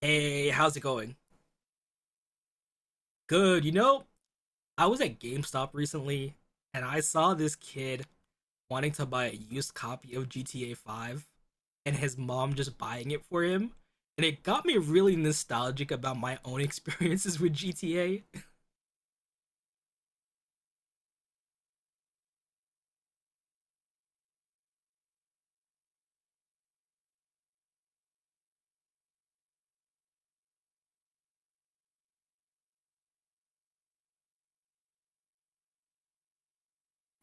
Hey, how's it going? Good. You know, I was at GameStop recently and I saw this kid wanting to buy a used copy of GTA 5 and his mom just buying it for him. And it got me really nostalgic about my own experiences with GTA.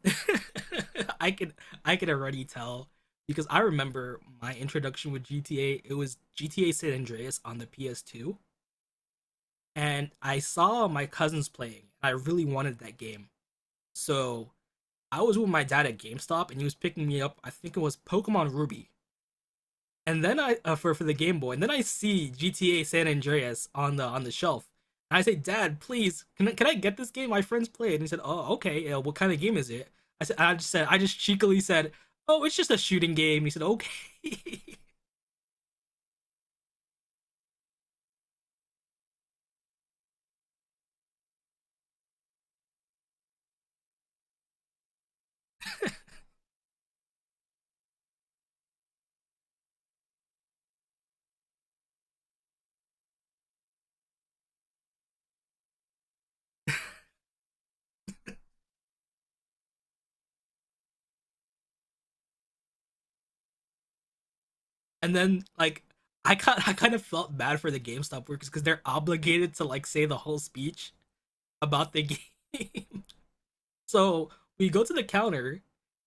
I can I can already tell because I remember my introduction with GTA, it was GTA San Andreas on the PS2 and I saw my cousins playing. I really wanted that game. So I was with my dad at GameStop and he was picking me up. I think it was Pokemon Ruby, and then I for the Game Boy, and then I see GTA San Andreas on the shelf. And I say, "Dad, please, can I get this game? My friends play it." And he said, "Oh, okay. What kind of game is it?" I just cheekily said, "Oh, it's just a shooting game." And he said, "Okay." And then like I kind of felt bad for the GameStop workers because they're obligated to like say the whole speech about the game. So we go to the counter,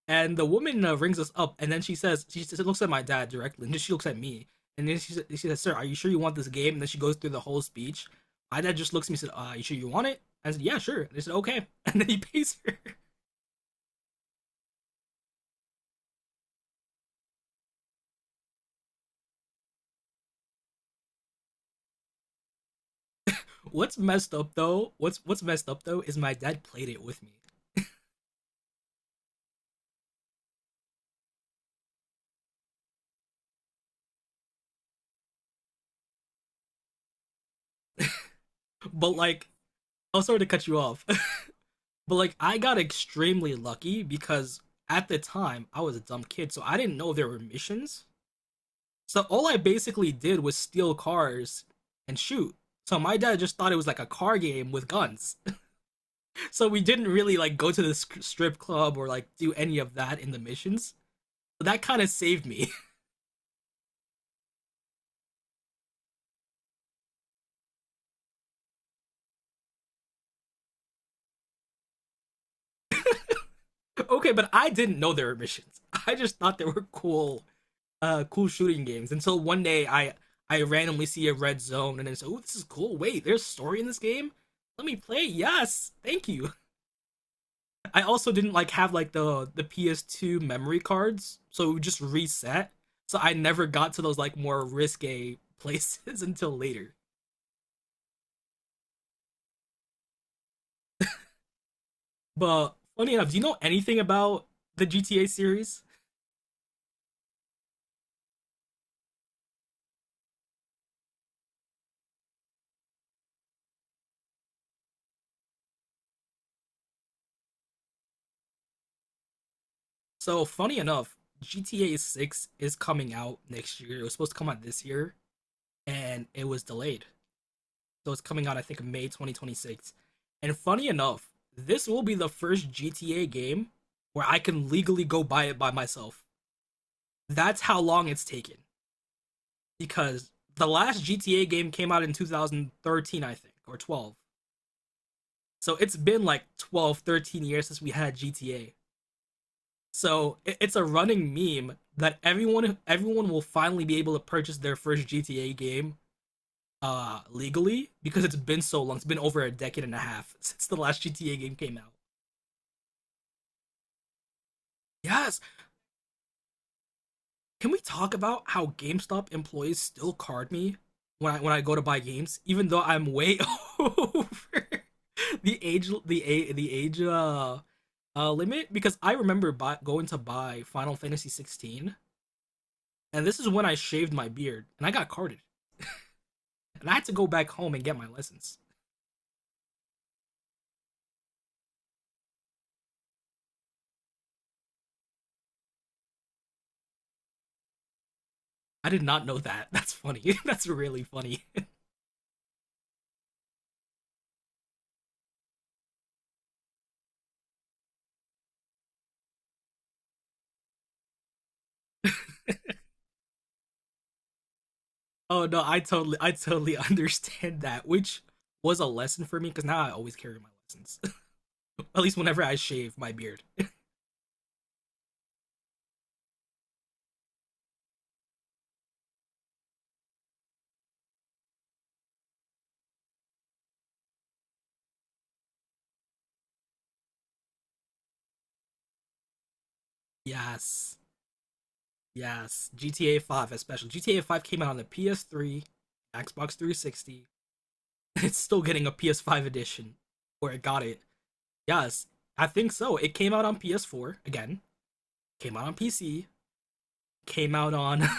and the woman rings us up, and then she looks at my dad directly, and then she looks at me, and then she says, "Sir, are you sure you want this game?" And then she goes through the whole speech. My dad just looks at me and said, "You sure you want it?" I said, "Yeah, sure." They said, "Okay," and then he pays her. What's messed up though? What's messed up though is my dad played it with me, but like. I'm sorry to cut you off, but like I got extremely lucky because at the time I was a dumb kid, so I didn't know there were missions. So all I basically did was steal cars and shoot. So my dad just thought it was like a car game with guns. So we didn't really like go to the strip club or like do any of that in the missions. So that kind of saved me. Okay, but I didn't know there were missions. I just thought they were cool, cool shooting games until one day I randomly see a red zone and then say, "Oh, this is cool. Wait, there's a story in this game. Let me play. Yes, thank you." I also didn't like have like the PS2 memory cards, so it would just reset. So I never got to those like more risque places until later. But funny enough, do you know anything about the GTA series? So funny enough, GTA 6 is coming out next year. It was supposed to come out this year and it was delayed. So it's coming out I think May 2026. And funny enough, this will be the first GTA game where I can legally go buy it by myself. That's how long it's taken. Because the last GTA game came out in 2013, I think, or 12. So it's been like 12, 13 years since we had GTA. So it's a running meme that everyone will finally be able to purchase their first GTA game legally because it's been so long. It's been over a decade and a half since the last GTA game came out. Yes. Can we talk about how GameStop employees still card me when I go to buy games, even though I'm way over the age limit? Because I remember going to buy Final Fantasy 16, and this is when I shaved my beard, and I got carded, and I had to go back home and get my license. I did not know that. That's funny. That's really funny. Oh no, I totally understand that, which was a lesson for me because now I always carry my license, at least whenever I shave my beard. Yes. Yes. GTA 5 especially. GTA 5 came out on the PS3, Xbox 360. It's still getting a PS5 edition. Or it got it. Yes. I think so. It came out on PS4 again. Came out on PC. Came out on and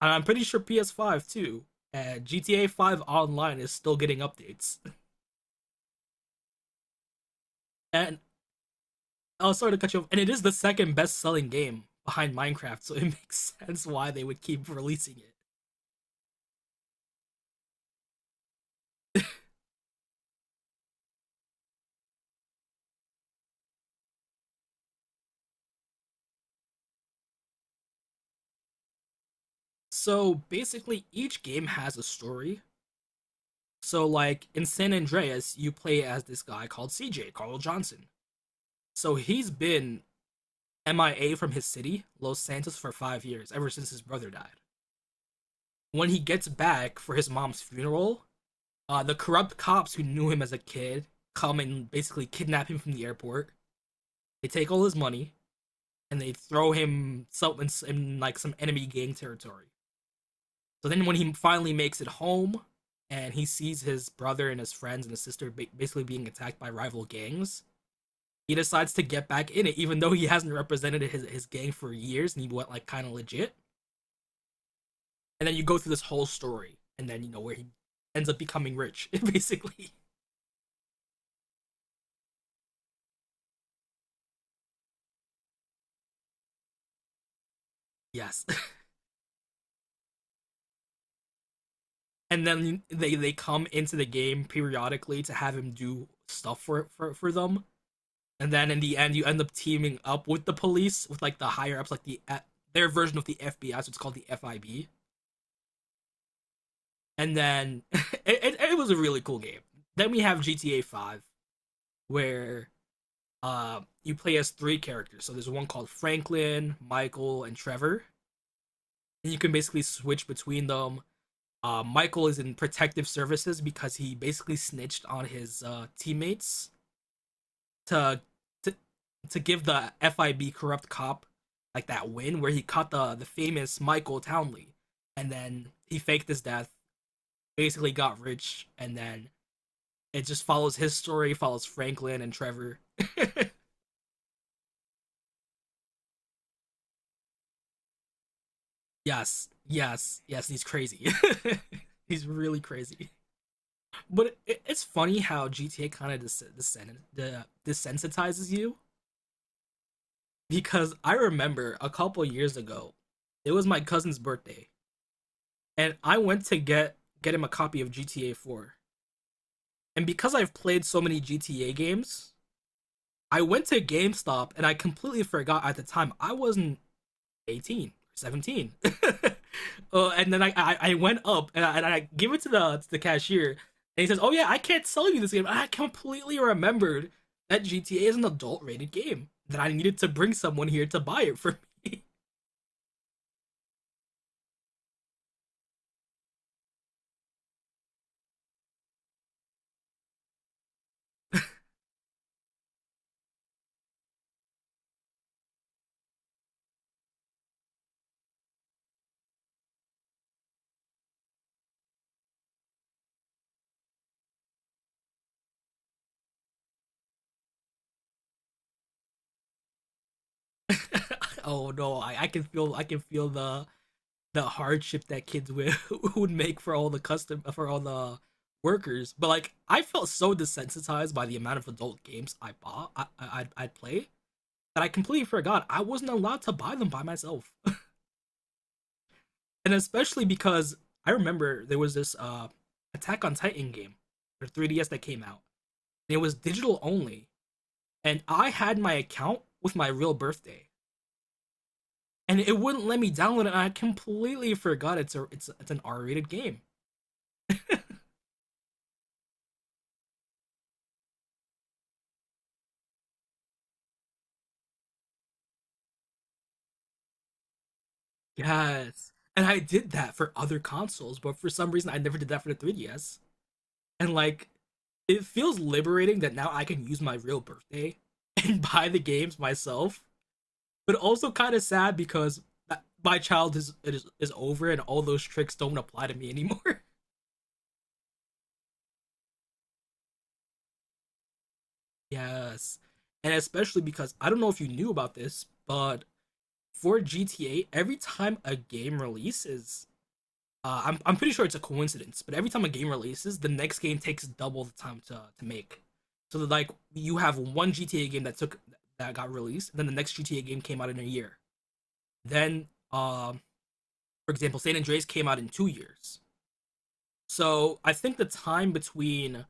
I'm pretty sure PS5 too. And GTA 5 online is still getting updates. And I'll sorry to cut you off. And it is the second best selling game behind Minecraft, so it makes sense why they would keep releasing it. So basically, each game has a story. So like in San Andreas, you play as this guy called CJ Carl Johnson. So he's been MIA from his city, Los Santos, for 5 years, ever since his brother died. When he gets back for his mom's funeral, the corrupt cops who knew him as a kid come and basically kidnap him from the airport. They take all his money and they throw him some in like some enemy gang territory. So then, when he finally makes it home and he sees his brother and his friends and his sister basically being attacked by rival gangs, he decides to get back in it, even though he hasn't represented his gang for years and he went like kind of legit. And then you go through this whole story, and then you know where he ends up becoming rich, basically. Yes, and then they come into the game periodically to have him do stuff for them, and then in the end you end up teaming up with the police with like the higher ups, like the their version of the FBI, so it's called the FIB. And then it was a really cool game. Then we have GTA 5, where you play as three characters. So there's one called Franklin, Michael, and Trevor. And you can basically switch between them. Michael is in protective services because he basically snitched on his teammates to, to to give the FIB corrupt cop like that win where he caught the famous Michael Townley, and then he faked his death, basically got rich, and then it just follows his story, follows Franklin and Trevor. Yes, yes, yes. He's crazy. He's really crazy. But it's funny how GTA kind of desensitizes you because I remember a couple years ago, it was my cousin's birthday, and I went to get him a copy of GTA 4. And because I've played so many GTA games, I went to GameStop and I completely forgot at the time I wasn't 18 or 17 and then I went up and I give it to the cashier and he says, "Oh yeah, I can't sell you this game." And I completely remembered that GTA is an adult rated game that I needed to bring someone here to buy it for me. Oh no, I can feel the hardship that kids would would make for all the workers, but like I felt so desensitized by the amount of adult games I bought, I'd play that I completely forgot I wasn't allowed to buy them by myself. And especially because I remember there was this Attack on Titan game for 3DS that came out. And it was digital only. And I had my account with my real birthday. And it wouldn't let me download it. And I completely forgot it's a it's it's an R-rated game. Yes. And I did that for other consoles, but for some reason I never did that for the 3DS. And like it feels liberating that now I can use my real birthday and buy the games myself but also kind of sad because my child is over and all those tricks don't apply to me anymore. Yes, and especially because I don't know if you knew about this, but for GTA, every time a game releases, I'm pretty sure it's a coincidence, but every time a game releases, the next game takes double the time to make. So that like you have one GTA game that got released, and then the next GTA game came out in a year. Then, for example, San Andreas came out in 2 years. So I think the time between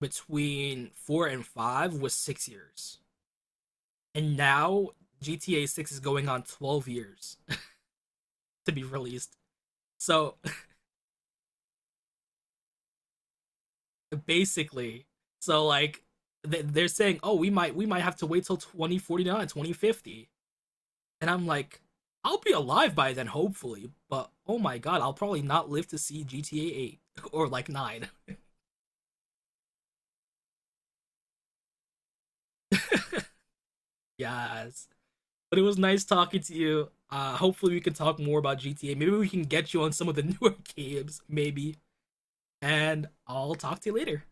between four and five was 6 years, and now GTA 6 is going on 12 years to be released. So basically, so like they're saying, "Oh, we might have to wait till 2049, 2050," and I'm like, I'll be alive by then, hopefully. But oh my god, I'll probably not live to see GTA 8 or like 9. Yes. But it was nice talking to you. Hopefully, we can talk more about GTA. Maybe we can get you on some of the newer games, maybe. And I'll talk to you later.